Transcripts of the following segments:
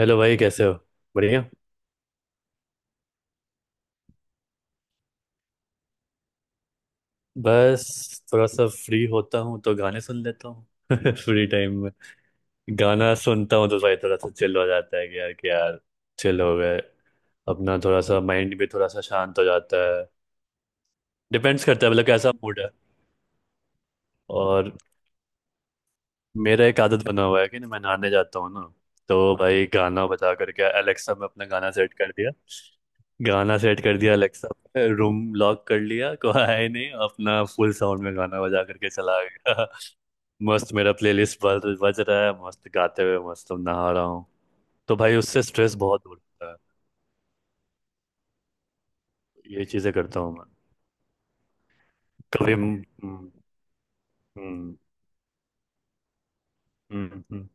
Hello भाई, कैसे हो। बढ़िया। बस थोड़ा सा फ्री होता हूँ तो गाने सुन लेता हूँ फ्री टाइम में। गाना सुनता हूँ तो भाई थोड़ा सा चिल हो जाता है कि यार चिल हो गए। अपना थोड़ा सा माइंड भी थोड़ा सा शांत हो जाता है। डिपेंड्स करता है, मतलब कैसा मूड है। और मेरा एक आदत बना हुआ है कि ना, मैं नहाने जाता हूँ ना, तो भाई गाना बजा करके अलेक्सा में अपना गाना सेट कर दिया। गाना सेट कर दिया अलेक्सा पे, रूम लॉक कर लिया, कोई आया ही नहीं, अपना फुल साउंड में गाना बजा करके चला गया मस्त मेरा प्लेलिस्ट बज बज रहा है, मस्त गाते हुए मस्त नहा रहा हूँ। तो भाई उससे स्ट्रेस बहुत दूर होता है। ये चीज़ें करता हूँ मैं। कभी। हम्म। हम्म। हम्म, हम्म,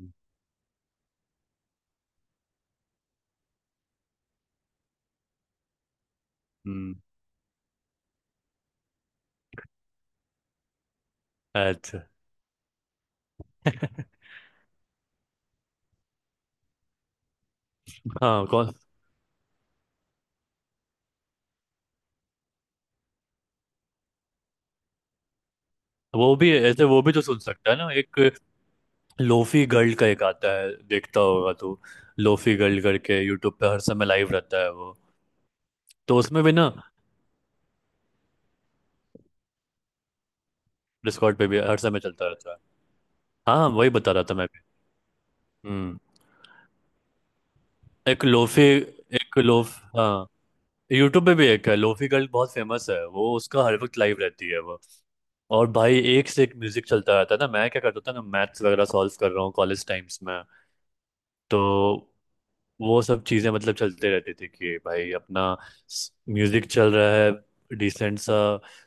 हम्म, हम्म। अच्छा। हाँ कौन। वो भी ऐसे, वो भी तो सुन सकता है ना। एक लोफी गर्ल का एक आता है, देखता होगा तू। लोफी गर्ल करके यूट्यूब पे हर समय लाइव रहता है वो। तो उसमें भी ना। डिस्कॉर्ड पे भी हर समय चलता रहता है। हाँ, वही बता रहा था मैं भी। हम्म। एक लोफी। एक लोफ, हाँ। यूट्यूब पे भी एक है लोफी गर्ल, बहुत फेमस है वो, उसका हर वक्त लाइव रहती है वो। और भाई एक से एक म्यूजिक चलता रहता है ना। मैं क्या करता था ना, मैथ्स वगैरह सॉल्व कर रहा हूँ कॉलेज टाइम्स में, तो वो सब चीजें मतलब चलते रहते थे कि भाई अपना म्यूजिक चल रहा है डिसेंट सा,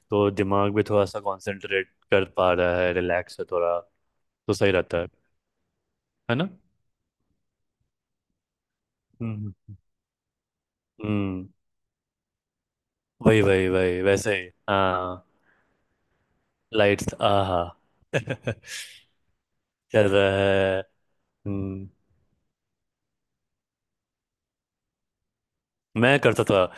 तो दिमाग भी थोड़ा सा कंसंट्रेट कर पा रहा है, रिलैक्स है थोड़ा, तो सही रहता है। है ना। हम्म हम्म। वही वही वही, वैसे ही, हाँ। लाइट्स, आहा। चल रहा है। हम्म। मैं करता था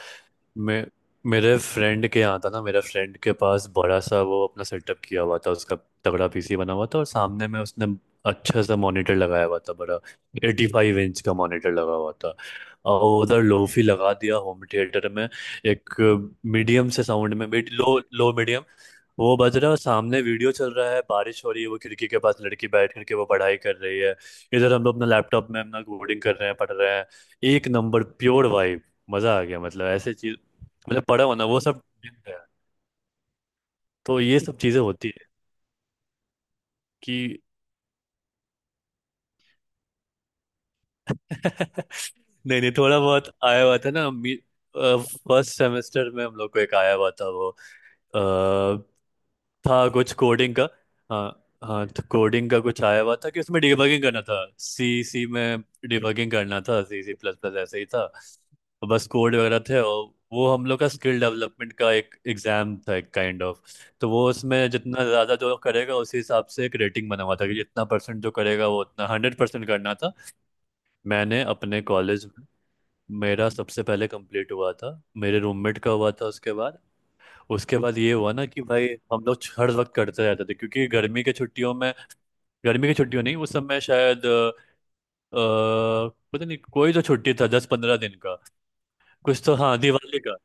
मैं मेरे फ्रेंड के यहाँ था ना, मेरे फ्रेंड के पास बड़ा सा वो अपना सेटअप किया हुआ था उसका। तगड़ा पीसी बना हुआ था, और सामने में उसने अच्छा सा मॉनिटर लगाया हुआ था, बड़ा, एटी फाइव इंच का मॉनिटर लगा हुआ था। और उधर लोफी लगा दिया होम थिएटर में। एक मीडियम से साउंड में, लो लो मीडियम। वो बज रहा है और सामने वीडियो चल रहा है, बारिश हो रही है, वो खिड़की के पास लड़की बैठ करके वो पढ़ाई कर रही है। इधर हम लोग अपना लैपटॉप में अपना कोडिंग कर रहे हैं, पढ़ रहे हैं। एक नंबर प्योर वाइब। मजा आ गया, मतलब ऐसे चीज। मतलब पढ़ा होना वो सब दिन है। तो ये सब चीजें होती है कि। नहीं नहीं, थोड़ा बहुत आया हुआ था ना। फर्स्ट सेमेस्टर में हम लोग को एक आया हुआ था वो, था कुछ कोडिंग का। हाँ हाँ, तो कोडिंग का कुछ आया हुआ था कि उसमें डिबगिंग करना था, सी सी में। डिबगिंग करना था सी सी प्लस प्लस, ऐसे ही था। तो बस कोड वगैरह थे, और वो हम लोग का स्किल डेवलपमेंट का एक एग्जाम था, एक काइंड ऑफ। तो वो, उसमें जितना ज़्यादा जो करेगा, उसी हिसाब से एक रेटिंग बना हुआ था कि जितना परसेंट जो करेगा वो, उतना हंड्रेड परसेंट करना था। मैंने अपने कॉलेज में, मेरा सबसे पहले कंप्लीट हुआ था। मेरे रूममेट का हुआ था उसके बाद। उसके बाद ये हुआ ना कि भाई, हम लोग हर वक्त करते रहते थे, क्योंकि गर्मी के छुट्टियों में, गर्मी की छुट्टियों नहीं, उस समय शायद पता नहीं, कोई तो छुट्टी था दस पंद्रह दिन का, कुछ तो, हाँ, दिवाली का।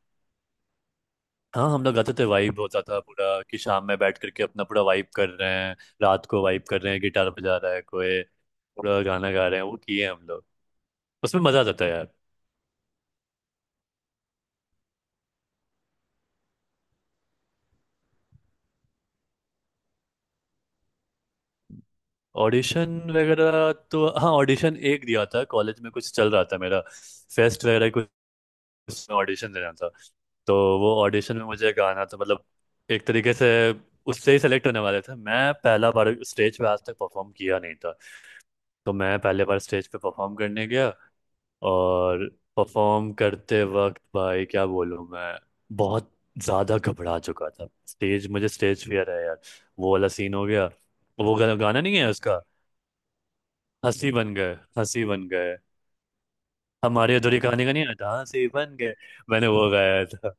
हाँ हम लोग गाते थे, वाइब होता था पूरा, कि शाम में बैठ करके अपना पूरा वाइब कर रहे हैं, रात को वाइब कर रहे हैं, गिटार बजा रहा है कोई, पूरा गाना गा रहे हैं, वो किए हम लोग। उसमें मजा आता था यार। ऑडिशन वगैरह तो हाँ, ऑडिशन एक दिया था कॉलेज में, कुछ चल रहा था मेरा, फेस्ट वगैरह, कुछ ऑडिशन देना था। तो वो ऑडिशन में मुझे गाना था, मतलब एक तरीके से उससे ही सेलेक्ट होने वाले थे। मैं पहला बार स्टेज पे आज तक परफॉर्म किया नहीं था, तो मैं पहले बार स्टेज पे परफॉर्म करने गया। और परफॉर्म करते वक्त भाई क्या बोलूँ मैं, बहुत ज़्यादा घबरा चुका था, स्टेज, मुझे स्टेज फियर है यार। वो वाला सीन हो गया। वो गाना नहीं है उसका। हंसी बन गए, हंसी बन गए। हमारी अधूरी कहानी का, नहीं आता हाँ, हंसी बन गए। मैंने वो गाया था।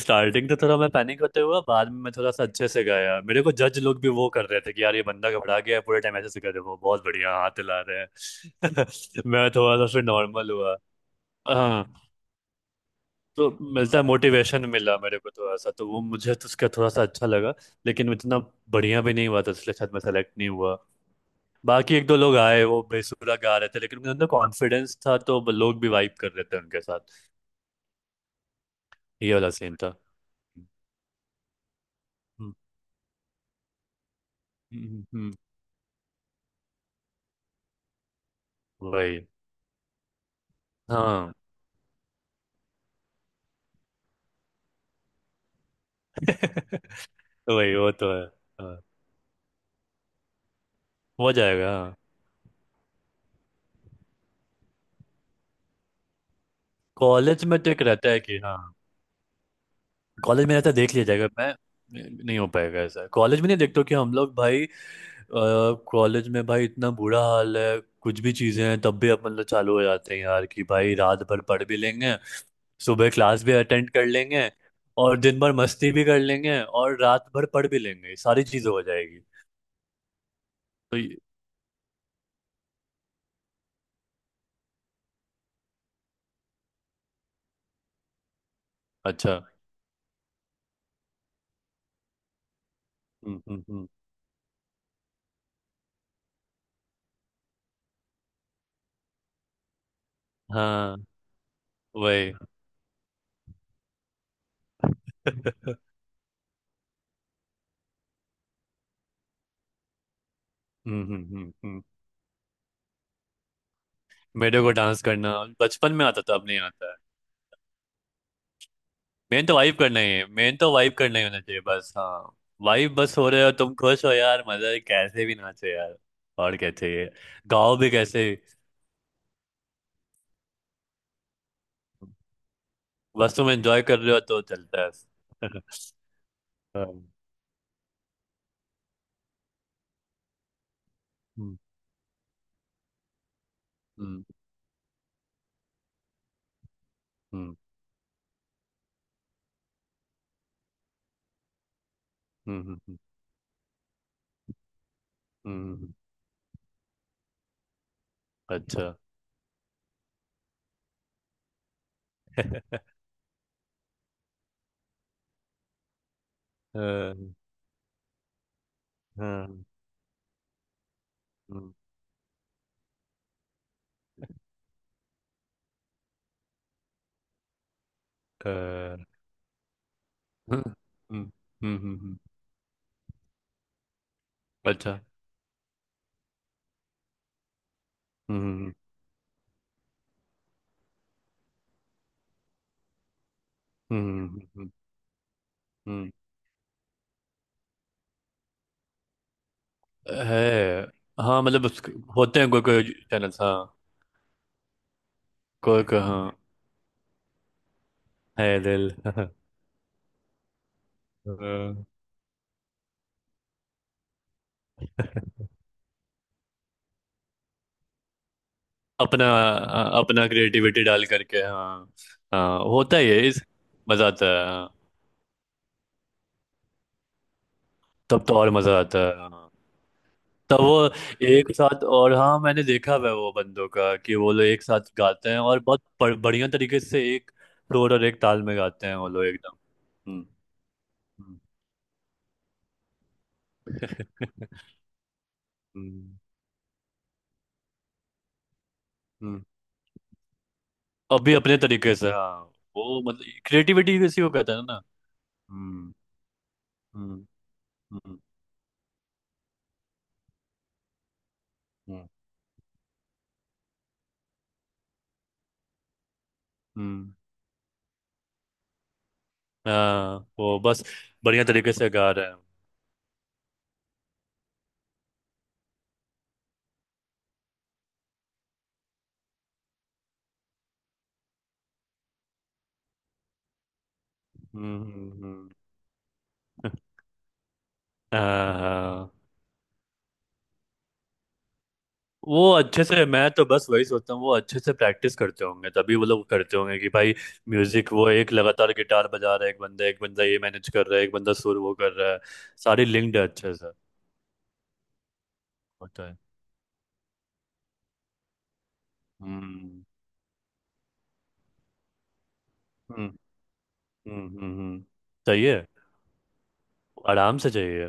स्टार्टिंग तो थोड़ा मैं पैनिक होते हुआ, बाद में मैं थोड़ा सा अच्छे से गाया। मेरे को जज लोग भी वो कर रहे थे कि यार ये बंदा घबरा गया है, पूरे टाइम ऐसे से कर रहे हो, बहुत बढ़िया, हाथ हिला रहे हैं मैं थोड़ा सा फिर नॉर्मल हुआ। हाँ, तो मिलता है, मोटिवेशन मिला मेरे को थोड़ा सा, तो वो मुझे तो उसका थोड़ा सा अच्छा लगा। लेकिन इतना बढ़िया भी नहीं हुआ था, इसलिए शायद मैं सेलेक्ट नहीं हुआ। बाकी एक दो लोग आए, वो बेसुरा गा रहे थे, लेकिन उनके अंदर कॉन्फिडेंस था, तो वो लोग भी वाइब कर रहे थे उनके साथ। ये वाला सीन था। हम्म, हम्म। वही, हाँ। तो वही वो तो है। हाँ, हो जाएगा, हाँ। कॉलेज में तो एक रहता है कि हाँ। कॉलेज में रहता है, देख लिया जाएगा, मैं नहीं हो पाएगा ऐसा कॉलेज में नहीं, देखते हो कि हम लोग भाई, कॉलेज में भाई इतना बुरा हाल है, कुछ भी चीज़ें हैं तब भी अपन लोग चालू हो जाते हैं यार, कि भाई रात भर पढ़ भी लेंगे, सुबह क्लास भी अटेंड कर लेंगे, और दिन भर मस्ती भी कर लेंगे, और रात भर पढ़ भी लेंगे, सारी चीज़ हो जाएगी। तो ये- अच्छा। हम्म। हाँ वही। हम्म हम्म हम्म। मेरे को डांस करना बचपन में आता था, अब नहीं आता है। मेन तो वाइब करना ही है, मेन तो वाइब करना ही होना चाहिए बस, हाँ। वाइब बस हो रहे हो, तुम खुश हो यार, मजा है, कैसे भी नाचो यार। और क्या चाहिए। गाओ भी कैसे। बस तुम एंजॉय कर रहे हो तो चलता है। हाँ, हम्म हम्म हम्म हम्म। हम्म। अच्छा। हाँ, हाँ, हम्म, हाँ, हम्म, हम्म, हम्म। अच्छा। हम्म हम्म हम्म। हम्म। है। हाँ मतलब उस-, होते हैं कोई कोई चैनल्स, हाँ। कोई कोई, हाँ। है दिल। हाँ। अपना, अपना क्रिएटिविटी डाल करके, हाँ। हाँ होता ही है इस, मजा आता है, हाँ। तब तो और मजा आता है, हाँ। तब वो एक साथ, और हाँ मैंने देखा हुआ है वो बंदों का कि वो लोग एक साथ गाते हैं और बहुत बढ़िया तरीके से एक सुर और एक ताल में गाते हैं वो लोग, एकदम। हम्म। हम्म। हम्म। हम्म। अभी अपने तरीके से, हाँ। वो मतलब क्रिएटिविटी किसी को कहते हैं ना। हम्म। हम्म। हम्म। हम्म, हम्म, हाँ वो बस बढ़िया तरीके से गा रहे हैं। हम्म हम्म हम्म। हाँ हाँ। वो अच्छे से, मैं तो बस वही सोचता हूँ वो अच्छे से प्रैक्टिस करते होंगे, तभी वो लोग करते होंगे कि भाई म्यूजिक, वो एक लगातार गिटार बजा रहा है, एक बंदा ये मैनेज कर रहा है, एक बंदा सुर वो कर रहा है, सारी लिंक्ड है अच्छे से। होता है। हम्म हम्म हम्म। हम्म। सही है, आराम से चाहिए।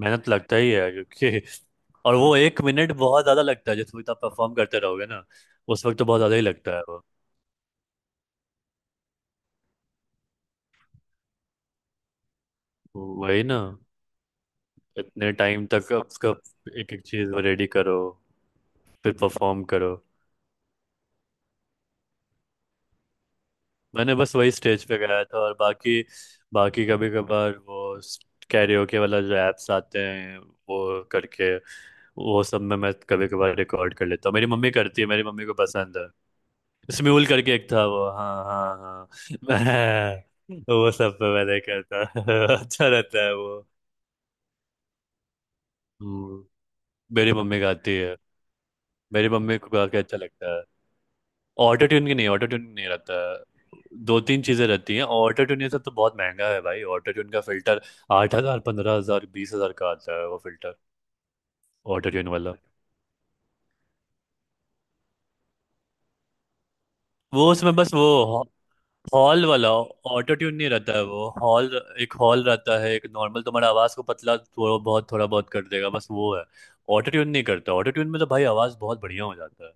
मेहनत लगता ही है क्योंकि और वो एक मिनट बहुत ज्यादा लगता है जिस वक्त आप परफॉर्म करते रहोगे ना, उस वक्त तो बहुत ज्यादा ही लगता है वो। वही ना, इतने टाइम तक उसका, एक एक चीज रेडी करो फिर परफॉर्म करो। मैंने बस वही स्टेज पे गाया था, और बाकी, बाकी कभी कभार वो कैरियोके वाला जो एप्स आते हैं, वो करके वो सब में मैं कभी कभार रिकॉर्ड कर लेता हूँ, मेरी मम्मी करती है, मेरी मम्मी को पसंद है। स्म्यूल करके एक था वो, हाँ हाँ हाँ। मैं वो सब पे मैं नहीं करता। अच्छा रहता है वो। हम्म, मेरी मम्मी गाती है, मेरी मम्मी को गा के अच्छा लगता है। ऑटो ट्यून की नहीं, ऑटो ट्यून नहीं रहता है। दो तीन चीजें रहती हैं, ऑटो ट्यून ये सब तो बहुत महंगा है भाई, ऑटो ट्यून का फिल्टर आठ हजार पंद्रह हजार बीस हजार का आता है वो फिल्टर। ऑटो ट्यून वाला वो उसमें बस वो हॉल वाला, ऑटो ट्यून नहीं रहता है वो, हॉल, एक हॉल रहता है, एक नॉर्मल तुम्हारा आवाज को पतला थोड़ा बहुत कर देगा बस वो है। ऑटो ट्यून नहीं करता, ऑटो ट्यून में तो भाई आवाज बहुत बढ़िया हो जाता है,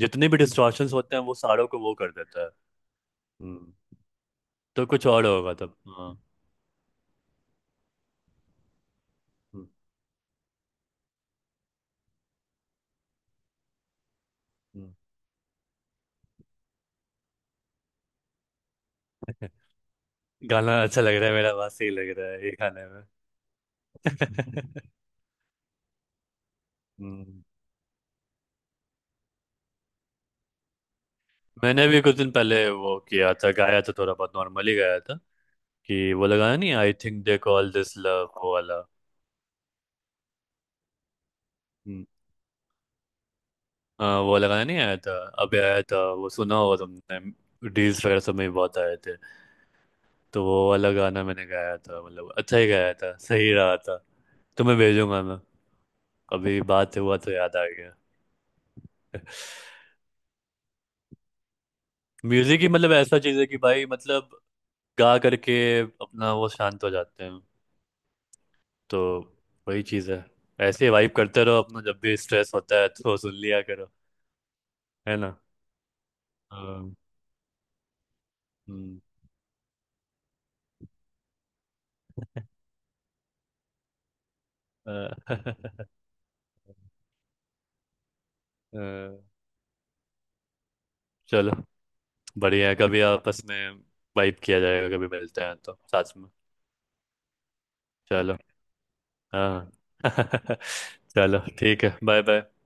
जितने भी डिस्टॉर्शंस होते हैं वो सारों को वो कर देता है। हम्म। तो कुछ और होगा तब, हाँ। हम्म, हम्म। गाना अच्छा लग रहा है, मेरा आवाज सही लग रहा है ये गाने में। हम्म। मैंने भी कुछ दिन पहले वो किया था, गाया था, थोड़ा बहुत नॉर्मली गाया था, कि वो लगाया नहीं, I think they call this love, वो वाला। हम्म, हाँ, वो लगाना नहीं आया था। अभी आया था वो, सुना होगा तुमने, डील्स वगैरह सब में बहुत आए थे। तो वो वाला गाना मैंने गाया था, मतलब अच्छा ही गाया था, सही रहा था। तुम्हें भेजूंगा मैं, अभी बात हुआ तो याद आ गया। म्यूजिक ही, मतलब ऐसा चीज है कि भाई, मतलब गा करके अपना वो शांत हो जाते हैं। तो वही चीज है, ऐसे ही वाइब करते रहो, अपना जब भी स्ट्रेस होता है तो सुन लिया करो। है ना। हाँ, हम्म। अ, अ, चलो, बढ़िया है, कभी आपस में वाइब किया जाएगा, कभी मिलते हैं तो साथ में। चलो, हाँ। चलो ठीक है, बाय बाय।